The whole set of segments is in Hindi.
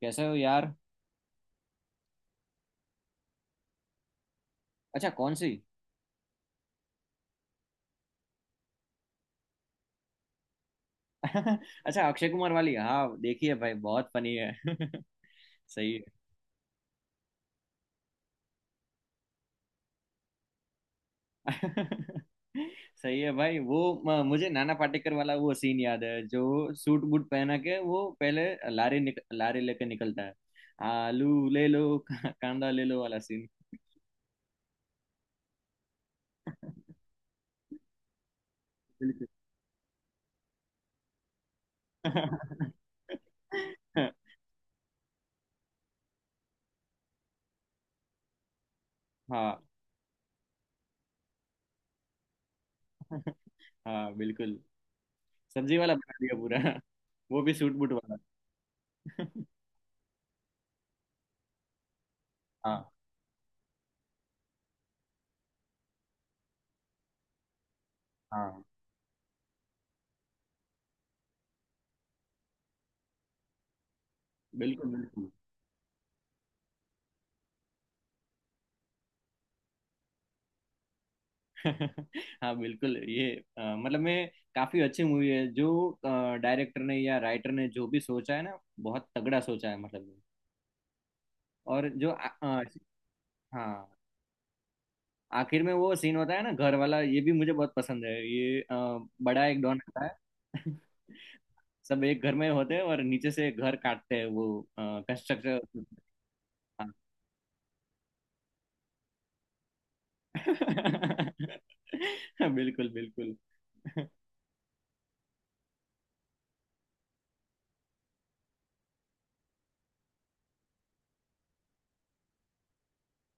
कैसे हो यार। अच्छा, कौन सी? अच्छा, अक्षय कुमार वाली। हाँ, देखिए भाई, बहुत फनी है। सही है। सही है भाई। वो मुझे नाना पाटेकर वाला वो सीन याद है, जो सूट बूट पहना के वो पहले लारी लेके निकलता है। आलू ले लो, कांदा ले लो वाला सीन। बिल्कुल। हाँ, हाँ, बिल्कुल। सब्जी वाला बना दिया पूरा। वो भी सूट बूट वाला। हाँ, हाँ, बिल्कुल, बिल्कुल। हाँ, बिल्कुल ये, मतलब मैं काफी अच्छी मूवी है, जो डायरेक्टर ने या राइटर ने जो भी सोचा है ना, बहुत तगड़ा सोचा है मतलब। और जो हाँ, आखिर में वो सीन होता है ना, घर वाला, ये भी मुझे बहुत पसंद है ये। बड़ा एक डॉन आता है। सब एक घर में होते हैं और नीचे से घर काटते हैं, वो कंस्ट्रक्शन। हाँ। बिल्कुल, बिल्कुल।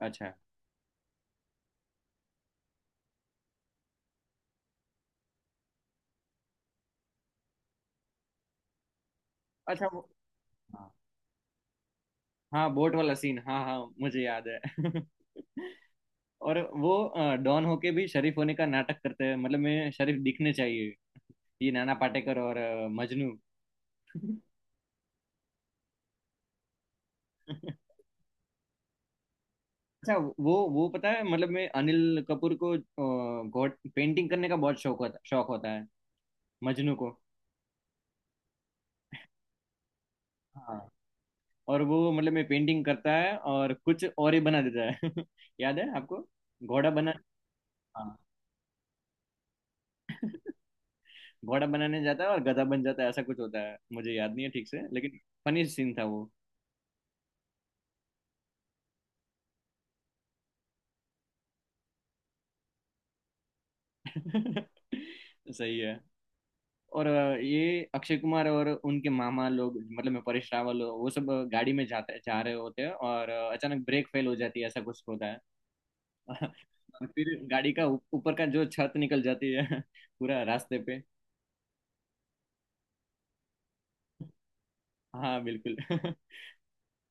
अच्छा, अच्छा, हाँ। हाँ, बोट वाला सीन, हाँ, हाँ, मुझे याद है। और वो डॉन होके भी शरीफ होने का नाटक करते हैं, मतलब मैं, शरीफ दिखने चाहिए। ये नाना पाटेकर और मजनू। अच्छा, वो पता है, मतलब मैं अनिल कपूर को, गॉड पेंटिंग करने का बहुत शौक होता है। मजनू को। हाँ, और वो, मतलब मैं, पेंटिंग करता है और कुछ और ही बना देता है। याद है आपको? घोड़ा बना। हाँ, घोड़ा बनाने जाता है और गधा बन जाता है, ऐसा कुछ होता है, मुझे याद नहीं है ठीक से, लेकिन फनी सीन था वो। सही है। और ये अक्षय कुमार और उनके मामा लोग, मतलब मैं परेश रावल, वो सब गाड़ी में जाते जा रहे होते हैं, और अचानक ब्रेक फेल हो जाती है, ऐसा कुछ होता है। और फिर गाड़ी का ऊपर का जो छत निकल जाती है पूरा रास्ते पे। हाँ, बिल्कुल।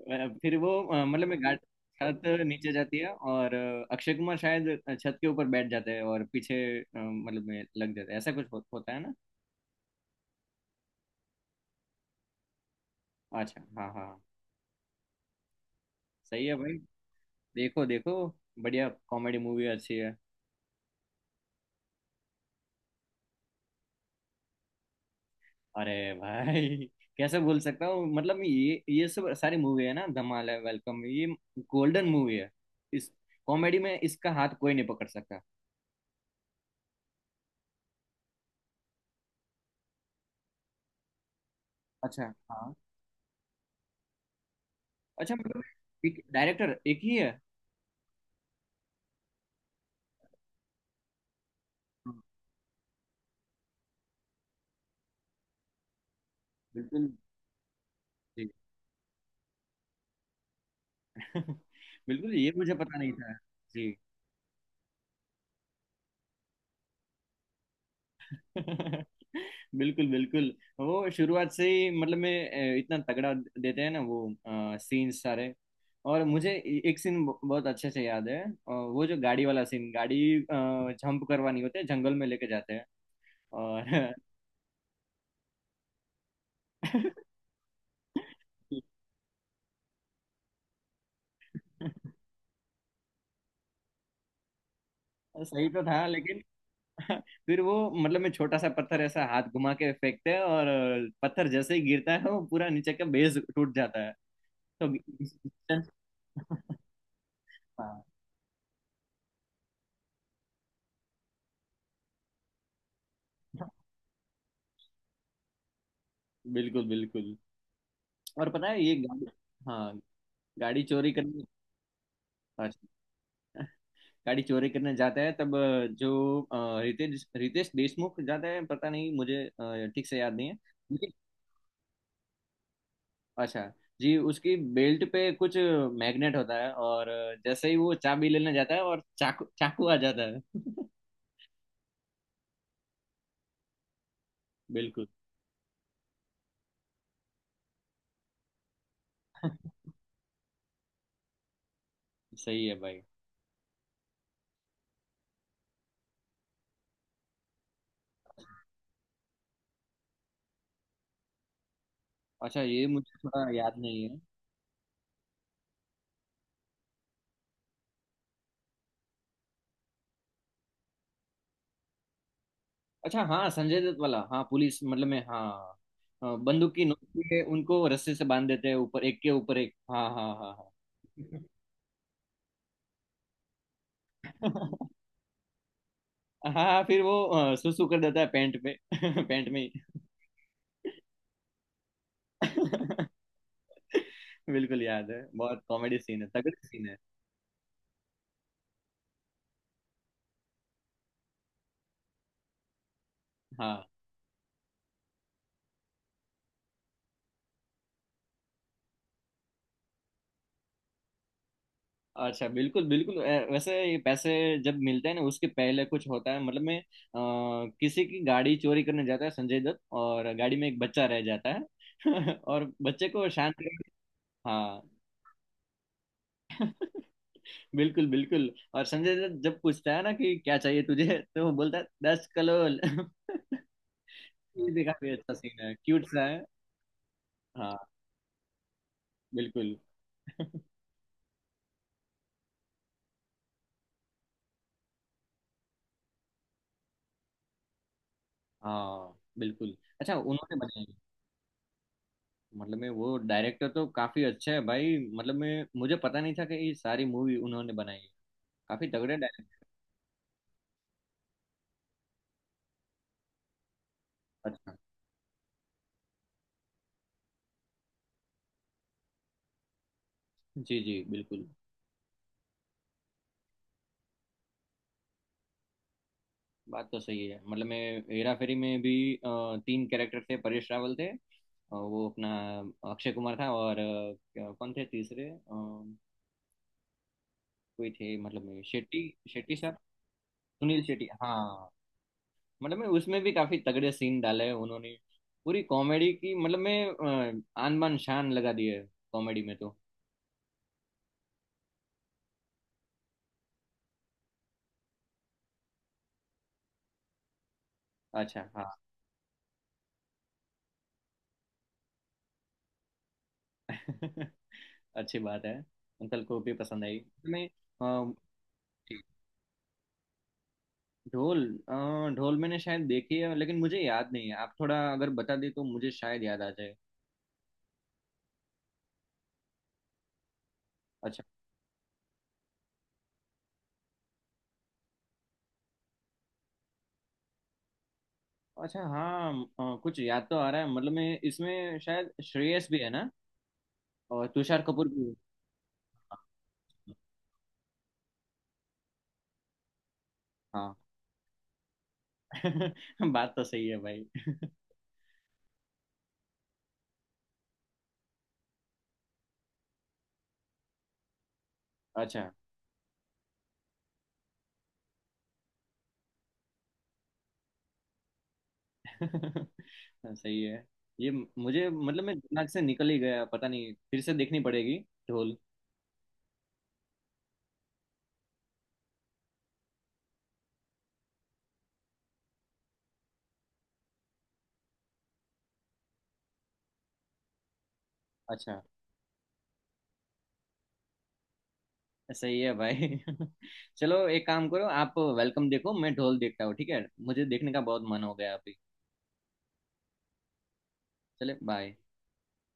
फिर वो, मतलब मैं गाड़ी, छत नीचे जाती है और अक्षय कुमार शायद छत के ऊपर बैठ जाते हैं, और पीछे मतलब में लग जाते हैं, ऐसा कुछ होता है ना। अच्छा, हाँ, हाँ, हाँ। सही है भाई। देखो, देखो बढ़िया कॉमेडी मूवी, अच्छी है। अरे भाई, कैसे भूल सकता हूँ, मतलब ये सब सारी मूवी है ना, धमाल है, वेलकम, ये गोल्डन मूवी है। इस कॉमेडी में इसका हाथ कोई नहीं पकड़ सकता। अच्छा। हाँ। अच्छा, मतलब एक डायरेक्टर एक ही है। हाँ, बिल्कुल जी। बिल्कुल, ये मुझे पता नहीं था। जी। बिल्कुल, बिल्कुल। वो शुरुआत से ही, मतलब मैं, इतना तगड़ा देते हैं ना वो सीन सारे। और मुझे एक सीन बहुत अच्छे से याद है। वो जो गाड़ी वाला सीन, गाड़ी जंप करवानी होती है, जंगल में लेके जाते हैं और सही तो था लेकिन फिर वो, मतलब मैं, छोटा सा पत्थर ऐसा हाथ घुमा के फेंकते हैं और पत्थर जैसे ही गिरता है, वो पूरा नीचे का बेस टूट जाता है तो। हाँ, बिल्कुल, बिल्कुल। और पता है, ये गाड़ी, हाँ, गाड़ी चोरी करने, अच्छा, गाड़ी चोरी करने जाता है तब, जो रितेश रितेश देशमुख जाता है, पता नहीं मुझे, ठीक से याद नहीं है लेकिन- अच्छा। जी, उसकी बेल्ट पे कुछ मैग्नेट होता है, और जैसे ही वो चाबी लेने जाता है, और चाकू, चाकू आ जाता है। बिल्कुल। सही है भाई। अच्छा, ये मुझे थोड़ा याद नहीं है। अच्छा, हाँ, संजय दत्त वाला, हाँ, पुलिस, मतलब में, हाँ। हाँ, बंदूक की नोक पे उनको रस्से से बांध देते हैं, ऊपर एक के ऊपर एक, हाँ, हाँ, हाँ। हाँ। हाँ, फिर वो सुसु कर देता है पैंट पे, पैंट में ही। बिल्कुल याद है, बहुत कॉमेडी सीन है, तगड़ी सीन है। हाँ। अच्छा, बिल्कुल, बिल्कुल। वैसे, ये पैसे जब मिलते हैं ना, उसके पहले कुछ होता है, मतलब मैं किसी की गाड़ी चोरी करने जाता है संजय दत्त, और गाड़ी में एक बच्चा रह जाता है। और बच्चे को शांत कर। हाँ। बिल्कुल, बिल्कुल। और संजय दत्त जब पूछता है ना, कि क्या चाहिए तुझे, तो वो बोलता है, दस कलोल। ये देखा भी, अच्छा सीन है, क्यूट सा है। हाँ, बिल्कुल। हाँ, बिल्कुल। अच्छा, उन्होंने बनाई? मतलब मैं वो डायरेक्टर तो काफी अच्छा है भाई, मतलब मैं, मुझे पता नहीं था कि ये सारी मूवी उन्होंने बनाई है। काफी तगड़े डायरेक्टर। अच्छा। जी, जी, बिल्कुल। बात तो सही है, मतलब मैं, हेरा फेरी में भी तीन कैरेक्टर थे, परेश रावल थे, वो अपना, अक्षय कुमार था, और कौन थे तीसरे, कोई थे, मतलब शेट्टी, शेट्टी साहब, सुनील शेट्टी, हाँ। मतलब मैं उसमें भी काफी तगड़े सीन डाले हैं उन्होंने। पूरी कॉमेडी की, मतलब मैं आन बान शान लगा दी है कॉमेडी में तो। अच्छा, हाँ। अच्छी बात है। अंकल को भी पसंद आई। मैं। ढोल। अ, ढोल मैंने शायद देखी है, लेकिन मुझे याद नहीं है, आप थोड़ा अगर बता दे तो मुझे शायद याद आ जाए। अच्छा। अच्छा, हाँ, कुछ याद तो आ रहा है, मतलब मैं इसमें शायद श्रेयस भी है ना, और तुषार कपूर भी है। हाँ। बात तो सही है भाई। अच्छा। सही है, ये मुझे, मतलब मैं, दिमाग से निकल ही गया, पता नहीं, फिर से देखनी पड़ेगी ढोल। अच्छा, सही है भाई। चलो, एक काम करो, आप वेलकम देखो, मैं ढोल देखता हूँ, ठीक है, मुझे देखने का बहुत मन हो गया अभी। चले, बाय।